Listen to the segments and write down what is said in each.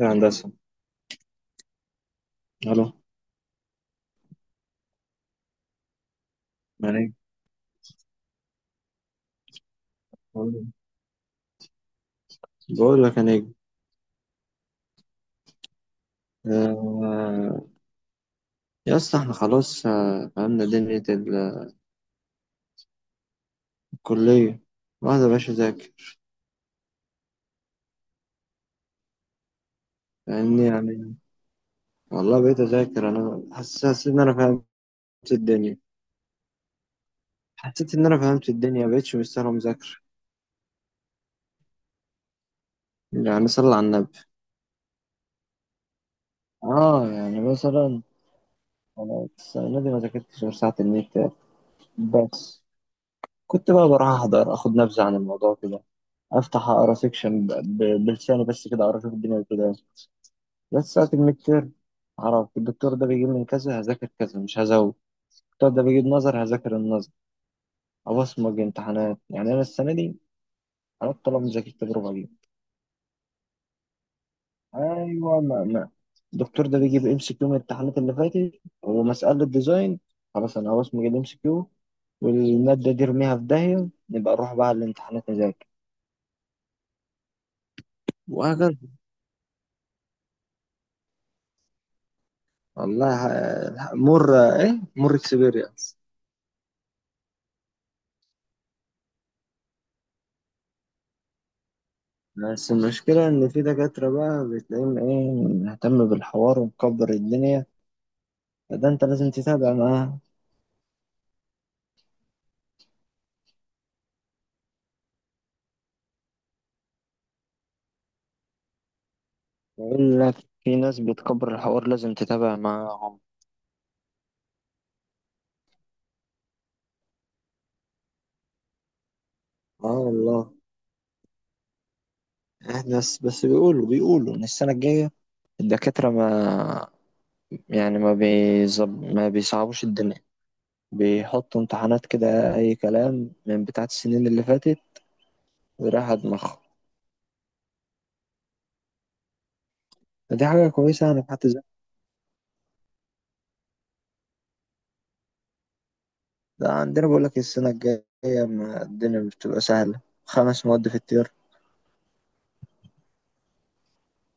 يا هندسة. الو. يا نجم. بقول بقول لك يا نجم. آه. يا اسطى، احنا خلاص، آه، فهمنا دنيا الكلية. واحد يا باشا ذاكر لأني يعني والله بقيت أذاكر أنا حسيت إن أنا فهمت الدنيا. مبقتش مستاهل مذاكرة. يعني صلى على النبي. آه يعني مثلا، أنا السنة دي ما ذاكرتش غير ساعة النت بس. كنت بقى بروح أحضر، أخد نبذة عن الموضوع كده، أفتح أقرأ سيكشن بلساني بس كده، أعرف الدنيا كده. بس في الميد تيرم اعرف الدكتور ده بيجيب من كذا، هذاكر كذا مش هزود. الدكتور ده بيجيب نظر، هذاكر النظر. ابصمج امتحانات. يعني انا السنه دي انا الطلبه مذاكر تجربه دي. ايوه، ما الدكتور ده بيجيب ام سي كيو من الامتحانات اللي فاتت ومساله ديزاين. خلاص انا هبصمج الام سي كيو والماده دي ارميها في داهيه، نبقى نروح بقى الامتحانات نذاكر. وهكذا. والله ح- مر ايه مر اكسبيرينس. بس المشكلة إن في دكاترة بقى بتلاقيهم إيه، مهتم بالحوار ومكبر الدنيا، فده أنت لازم تتابع معاهم. يقول لك في ناس بتكبر الحوار لازم تتابع معاهم. آه والله. إحنا بس بيقولوا إن السنة الجاية الدكاترة ما، يعني ما بيصعبوش الدنيا، بيحطوا امتحانات كده أي كلام من بتاعت السنين اللي فاتت ورايح على دماغهم. فدي حاجة كويسة. يعني في حد. ده عندنا بقول لك السنة الجاية ما الدنيا مش بتبقى سهلة، خمس مواد في الترم،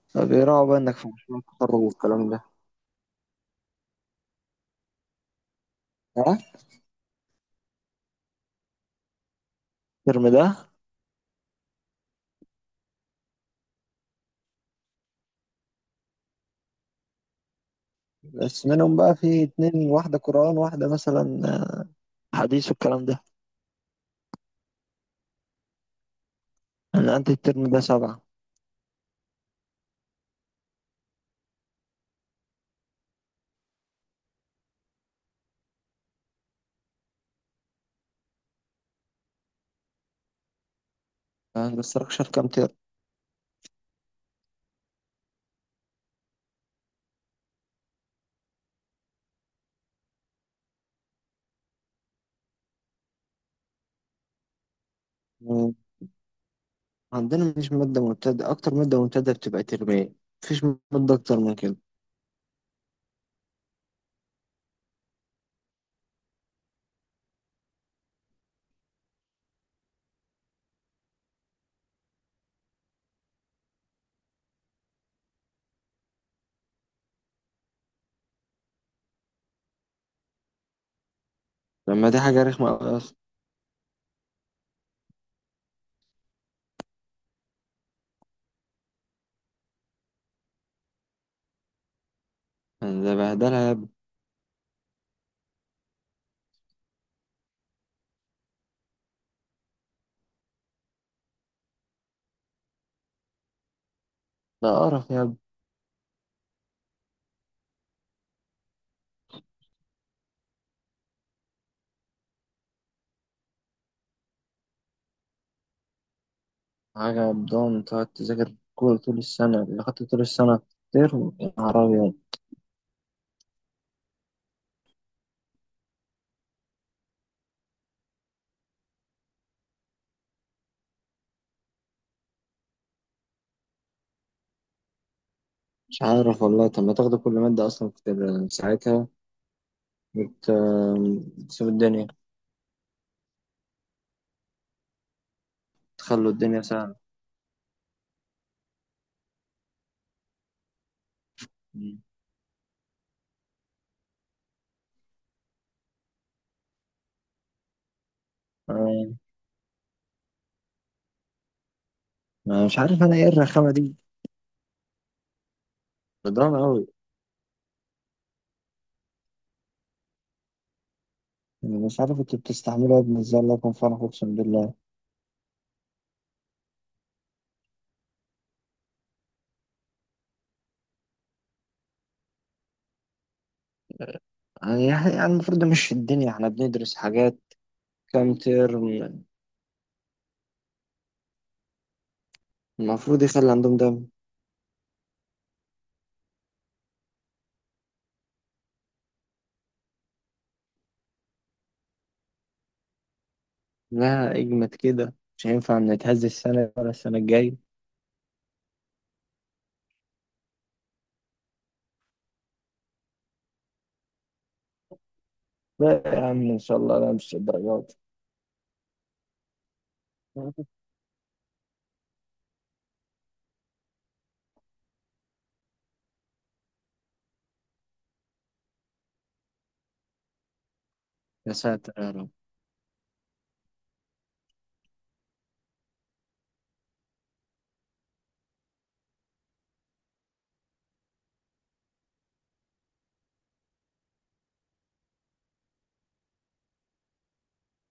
فبيراعوا بقى إنك في مشروع التخرج والكلام ده. ها. الترم ده بس منهم بقى في اتنين، واحدة قرآن واحدة مثلا حديث والكلام ده. أنا عندي الترم ده سبعة. أنا مستركش في كام ترم. عندنا مش مادة مبتدأ، أكتر مادة مبتدأ بتبقى ترمين، مفيش مادة أكتر من كده. لما دي حاجة رخمة أوي أصلا، يعني ده بهدلها يا ابني. ده قرف يا ابني. حاجة قدام تقعد تذاكر كورة طول السنة، اللي خدت طول السنة ترم، يا نهار أبيض. مش عارف والله. طب ما تاخدوا كل مادة أصلا في ساعتها؟ بت- بتسيب الدنيا، تخلوا الدنيا سهلة. مم. آه، أنا مش عارف أنا إيه الرخامة دي، بدران أوي. يعني مش عارف انتوا بتستحملوا يا ابني ازاي، الله يكون في عونك، اقسم بالله. يعني المفروض ده، مش في الدنيا احنا بندرس حاجات كام ترم؟ المفروض يخلي عندهم ده. لا اجمد كده، مش هينفع نتهز السنة ولا السنة الجاية. لا يا عم ان شاء الله، لا مش الدرجات. يا ساتر يا رب.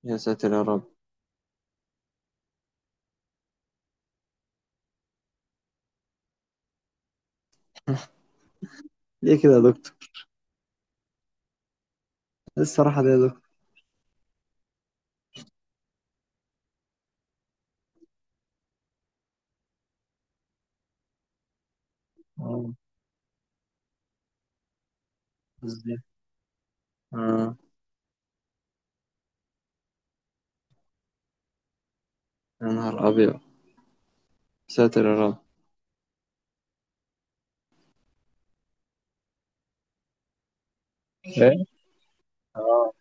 يا ساتر يا رب. ليه كده يا دكتور؟ ايه الصراحة دي يا دكتور؟ اه. ازاي؟ اه. يا نهار ابيض. يا ساتر يا رب. ايه. اه.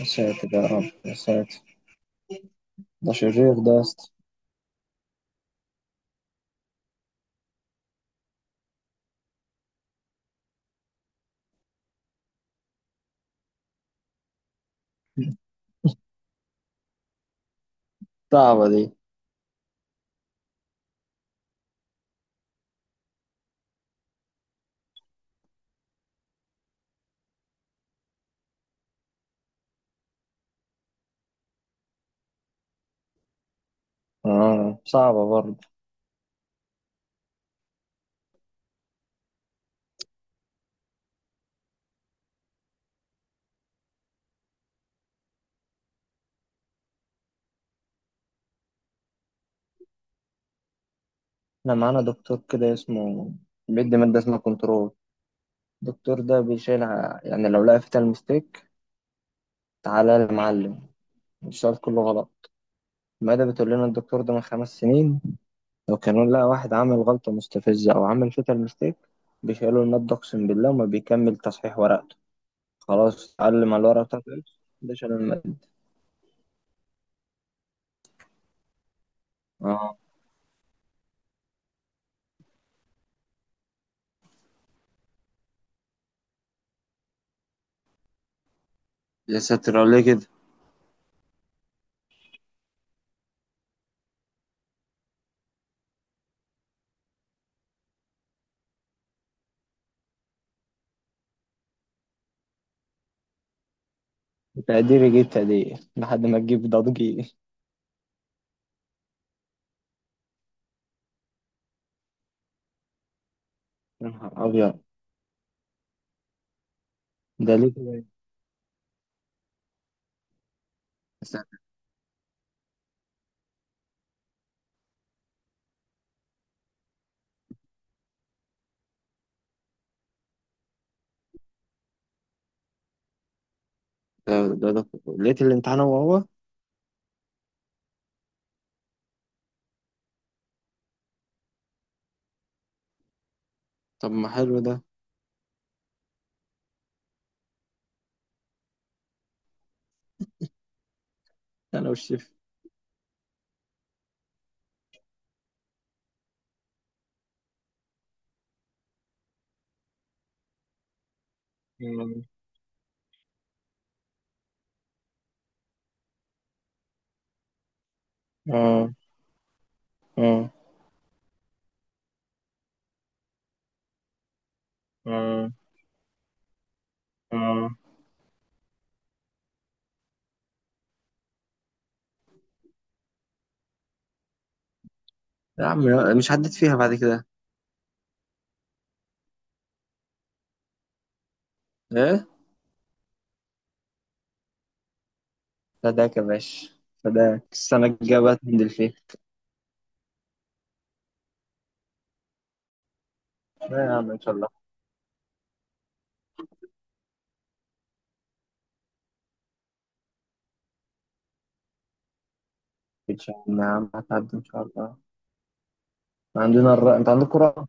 يا ساتر يا رب يا ساتر. ده شرير ده يا اسطى. صعبة دي. اه صعبة برضه. احنا معانا دكتور كده اسمه، بيدي مادة اسمها كنترول. الدكتور ده بيشيل يعني لو لقى فيها المستيك، تعالى يا معلم، السؤال كله غلط. المادة بتقول لنا الدكتور ده من خمس سنين لو كانوا، لا واحد عمل غلطة مستفزة أو عمل فيتال ميستيك، بيشيلوا المادة أقسم بالله وما بيكمل تصحيح ورقته. خلاص، علم على الورقة بتاعته. ده شال المادة. اه. يا ساتر عليه كده. تقدير يجيب تقدير لحد ما تجيب ضجيج. يا نهار أبيض. ده ليه كده يا ساتر. ده ده لقيت الامتحان هو هو. طب ما حلو ده. أنا والشيف. مم. اه اه اه اه. يا عم، مش عديت فيها بعد كده؟ ايه. فداك يا باشا. فداك، السنة الجاية بقى تنزل فيها. لا يا عم ان شاء الله. متقلقش يا عم، يا عم هتعدي ان شاء الله. عندنا انت عندكوا رأفة.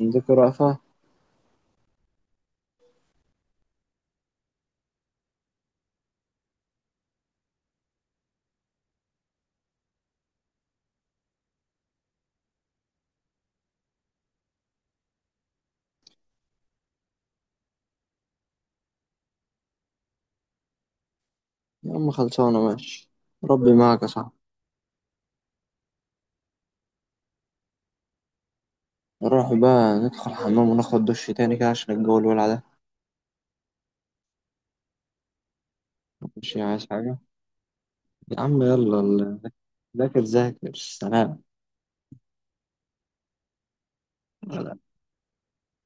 عندكوا رأفة. يا عم خلصانة ماشي. ربي معاك يا صاحبي. نروح بقى ندخل الحمام وناخد دش تاني كده عشان الجو الولع ده. مش عايز حاجة. يا عم يلا ذاكر ذاكر سلام.